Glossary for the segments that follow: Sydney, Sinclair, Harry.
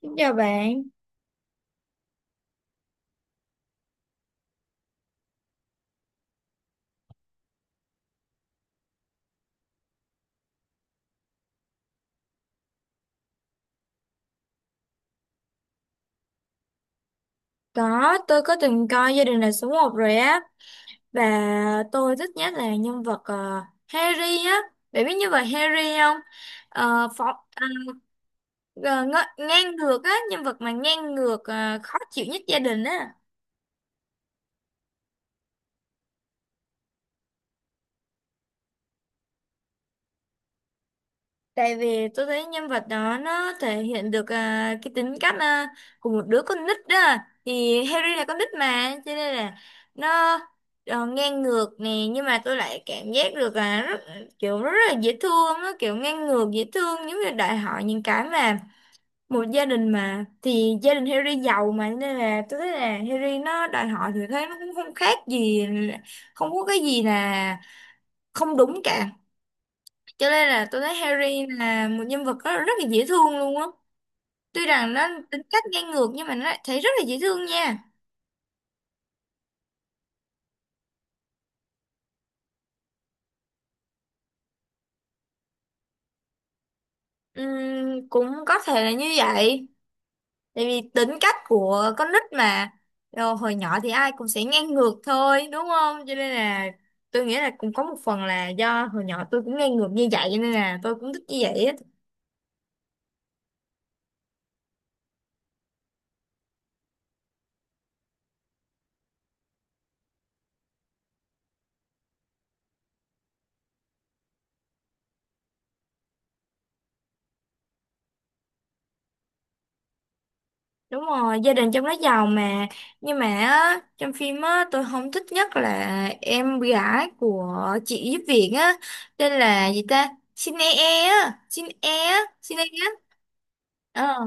Xin chào bạn. Có tôi từng coi Gia đình là số một rồi á, và tôi thích nhất là nhân vật Harry á. Bạn biết nhân vật Harry không? Ờ, phó, à, ờ, ng Ngang ngược á, nhân vật mà ngang ngược khó chịu nhất gia đình á. Tại vì tôi thấy nhân vật đó nó thể hiện được cái tính cách của một đứa con nít đó. Thì Harry là con nít mà, cho nên là nó ngang ngược nè, nhưng mà tôi lại cảm giác được là rất, kiểu rất là dễ thương. Nó kiểu ngang ngược dễ thương, giống như đòi hỏi những cái mà một gia đình mà thì gia đình Harry giàu mà, cho nên là tôi thấy là Harry nó đòi hỏi thì thấy nó cũng không khác gì, không có cái gì là không đúng cả, cho nên là tôi thấy Harry là một nhân vật rất, rất là dễ thương luôn á. Tuy rằng nó tính cách ngang ngược nhưng mà nó lại thấy rất là dễ thương nha. Cũng có thể là như vậy, tại vì tính cách của con nít mà. Rồi, hồi nhỏ thì ai cũng sẽ ngang ngược thôi đúng không, cho nên là tôi nghĩ là cũng có một phần là do hồi nhỏ tôi cũng ngang ngược như vậy, cho nên là tôi cũng thích như vậy á. Đúng rồi, gia đình trong đó giàu mà. Nhưng mà á, trong phim á, tôi không thích nhất là em gái của chị giúp việc á. Tên là gì ta? Xin e e á. Xin e á. Xin e á. Ờ,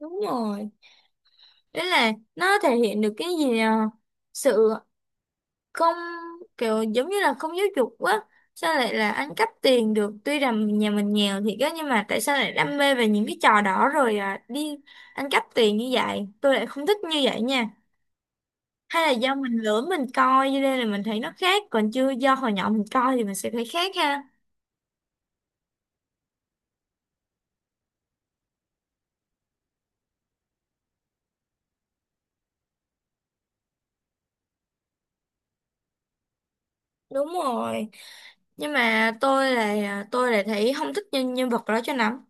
đúng rồi. Đấy là nó thể hiện được cái gì à? Sự không, kiểu giống như là không giáo dục quá. Sao lại là ăn cắp tiền được? Tuy rằng nhà mình nghèo thiệt á, nhưng mà tại sao lại đam mê về những cái trò đó rồi đi ăn cắp tiền như vậy? Tôi lại không thích như vậy nha. Hay là do mình lửa mình coi cho nên là mình thấy nó khác, còn chưa do hồi nhỏ mình coi thì mình sẽ thấy khác ha? Đúng rồi, nhưng mà tôi là thấy không thích nhân nhân vật đó cho lắm.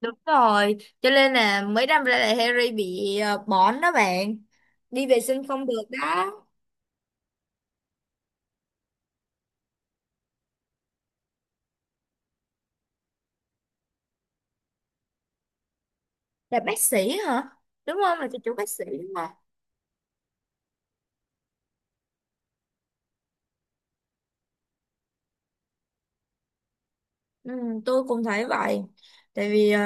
Đúng rồi, cho nên là mấy năm ra là Harry bị bỏng đó bạn, đi vệ sinh không được đó. Là bác sĩ hả, đúng không? Là cho chủ bác sĩ đúng không? Ừ, tôi cũng thấy vậy, tại vì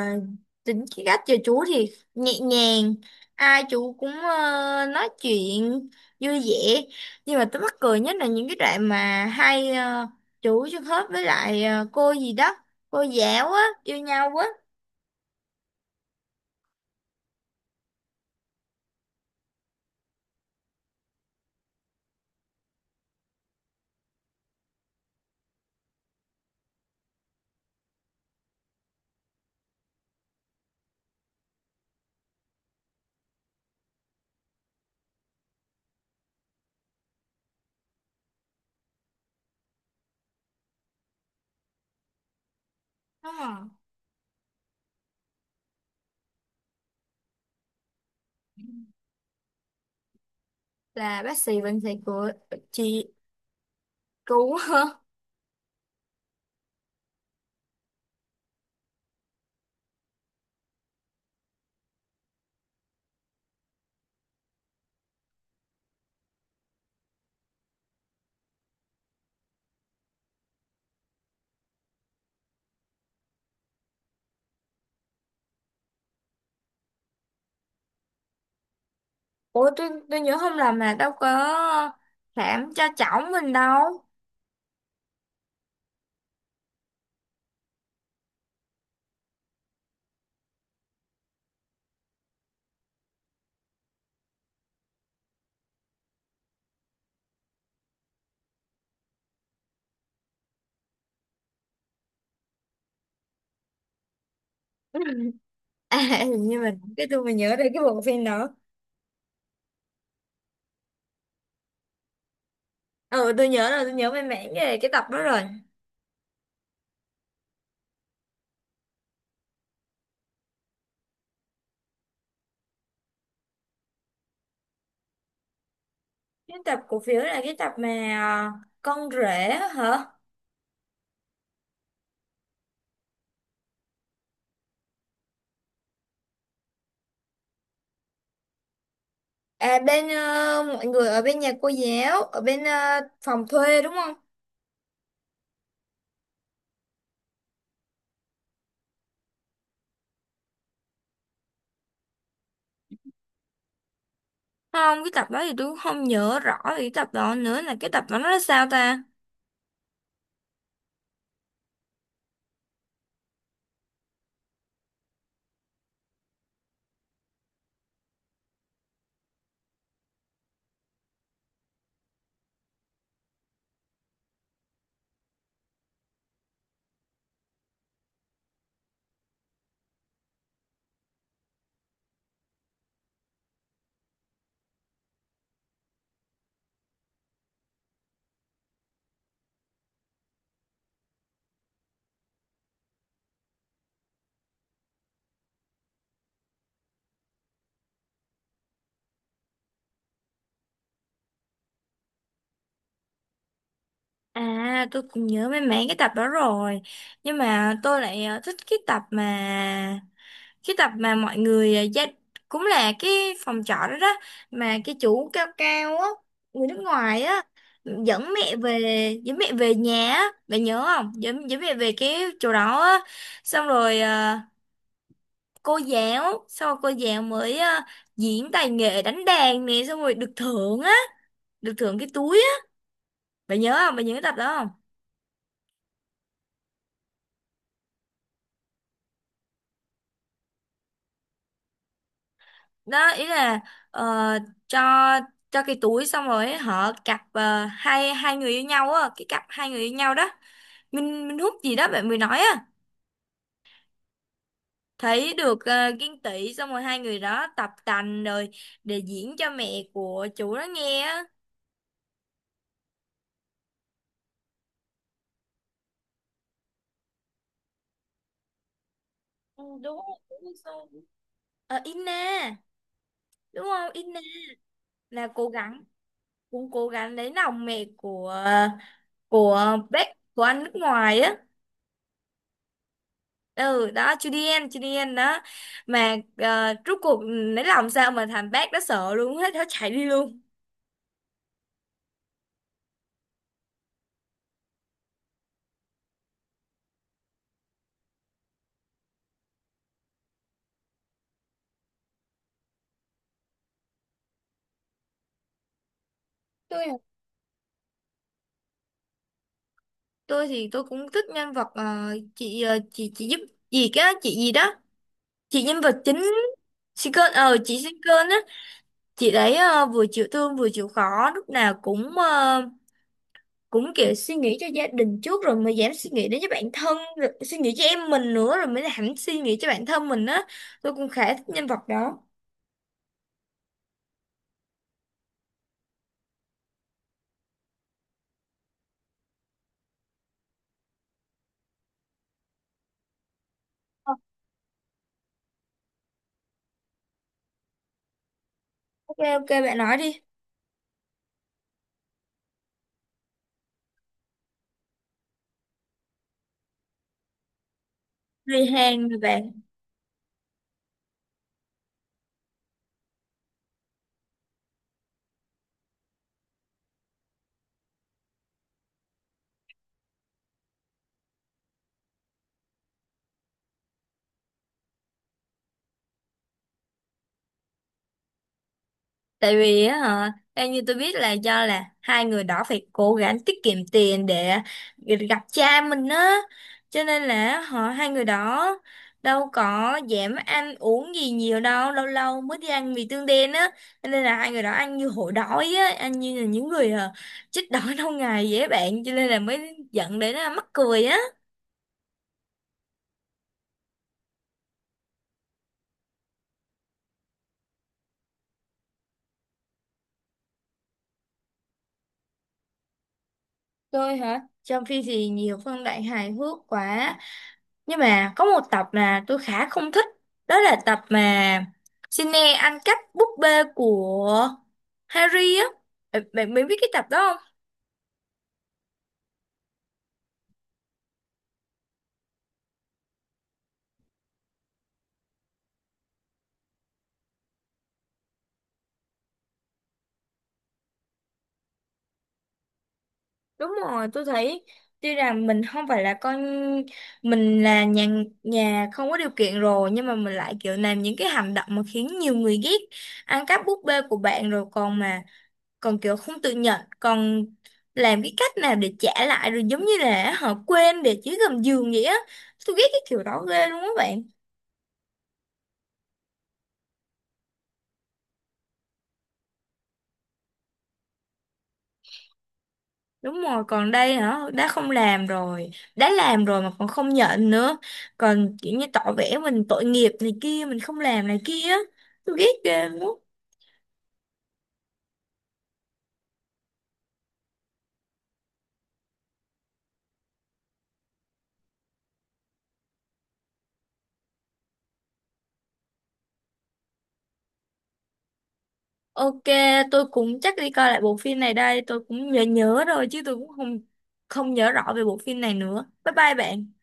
tính cái cách chơi chú thì nhẹ nhàng, ai chú cũng nói chuyện vui vẻ. Nhưng mà tôi mắc cười nhất là những cái đoạn mà hai chú Xuân Hớp với lại cô gì đó, cô giáo á, yêu nhau á. Đúng rồi. Là bác sĩ bệnh sĩ của chị chú. Ủa, tôi nhớ không lầm là đâu có khám cho cháu mình đâu. À, hình như mình cái tôi mà nhớ đây cái bộ phim đó. Ừ, tôi nhớ rồi, tôi nhớ về mảng về cái tập đó rồi. Cái tập cổ phiếu là cái tập mà con rể á hả? À, bên mọi người ở bên nhà cô giáo ở bên phòng thuê đúng không? Không, cái tập đó thì tôi cũng không nhớ rõ về cái tập đó nữa, là cái tập đó nó là sao ta? À, tôi cũng nhớ mấy mảng cái tập đó rồi, nhưng mà tôi lại thích cái tập mà, cái tập mà mọi người à, gia cũng là cái phòng trọ đó đó, mà cái chú cao cao á, người nước ngoài á, dẫn mẹ về. Dẫn mẹ về nhà á, bạn nhớ không? Dẫn dẫn mẹ về cái chỗ đó á, xong rồi cô giáo, xong rồi cô giáo mới diễn tài nghệ đánh đàn nè, xong rồi được thưởng á, được thưởng cái túi á. Bạn nhớ không, bạn nhớ cái tập đó không? Đó ý là ờ, cho cho cái túi xong rồi họ cặp hai hai người yêu nhau á, cái cặp hai người yêu nhau đó, Minh Minh Húc gì đó bạn mới nói á, thấy được Kiên Tỷ, xong rồi hai người đó tập tành rồi để diễn cho mẹ của chủ đó nghe á. Ừ, đúng rồi, sao? Ờ, Inna, đúng không, Inna? Là cố gắng, cũng cố gắng lấy lòng mẹ của bác, của anh nước ngoài á. Ừ đó, Julian, Julian đó. Mà rốt cuộc lấy lòng sao mà thằng bác đó sợ luôn, hết nó chạy đi luôn. Tôi thì tôi cũng thích nhân vật chị, chị giúp gì á, chị gì đó, chị nhân vật chính, Sinclair, ờ chị Sinclair á. Chị đấy vừa chịu thương vừa chịu khó, lúc nào cũng cũng kiểu suy nghĩ cho gia đình trước rồi mới dám suy nghĩ đến cho bản thân, rồi suy nghĩ cho em mình nữa rồi mới dám suy nghĩ cho bản thân mình á. Tôi cũng khá thích nhân vật đó. Ờ, ok ok bạn nói đi. Người Hàn mà bạn. Tại vì á hả, theo như tôi biết là do là hai người đó phải cố gắng tiết kiệm tiền để gặp cha mình á, cho nên là họ, hai người đó đâu có dám ăn uống gì nhiều đâu, lâu lâu mới đi ăn mì tương đen á, cho nên là hai người đó ăn như hổ đói á, ăn như là những người chết đói lâu ngày dễ bạn, cho nên là mới dẫn đến là mắc cười á. Tôi hả, trong phim thì nhiều phân đoạn hài hước quá. Nhưng mà có một tập mà tôi khá không thích. Đó là tập mà Sydney ăn cắp búp bê của Harry á. Bạn bạn biết cái tập đó không? Đúng rồi, tôi thấy tuy rằng mình không phải là con, mình là nhà, nhà không có điều kiện rồi, nhưng mà mình lại kiểu làm những cái hành động mà khiến nhiều người ghét. Ăn cắp búp bê của bạn rồi còn mà, còn kiểu không tự nhận, còn làm cái cách nào để trả lại rồi giống như là họ quên để dưới gầm giường vậy á. Tôi ghét cái kiểu đó ghê luôn á bạn. Đúng rồi, còn đây hả, đã không làm rồi, đã làm rồi mà còn không nhận nữa. Còn kiểu như tỏ vẻ mình tội nghiệp này kia, mình không làm này kia. Tôi ghét ghê lắm. Ok, tôi cũng chắc đi coi lại bộ phim này đây, tôi cũng nhớ nhớ rồi chứ tôi cũng không không nhớ rõ về bộ phim này nữa. Bye bye bạn.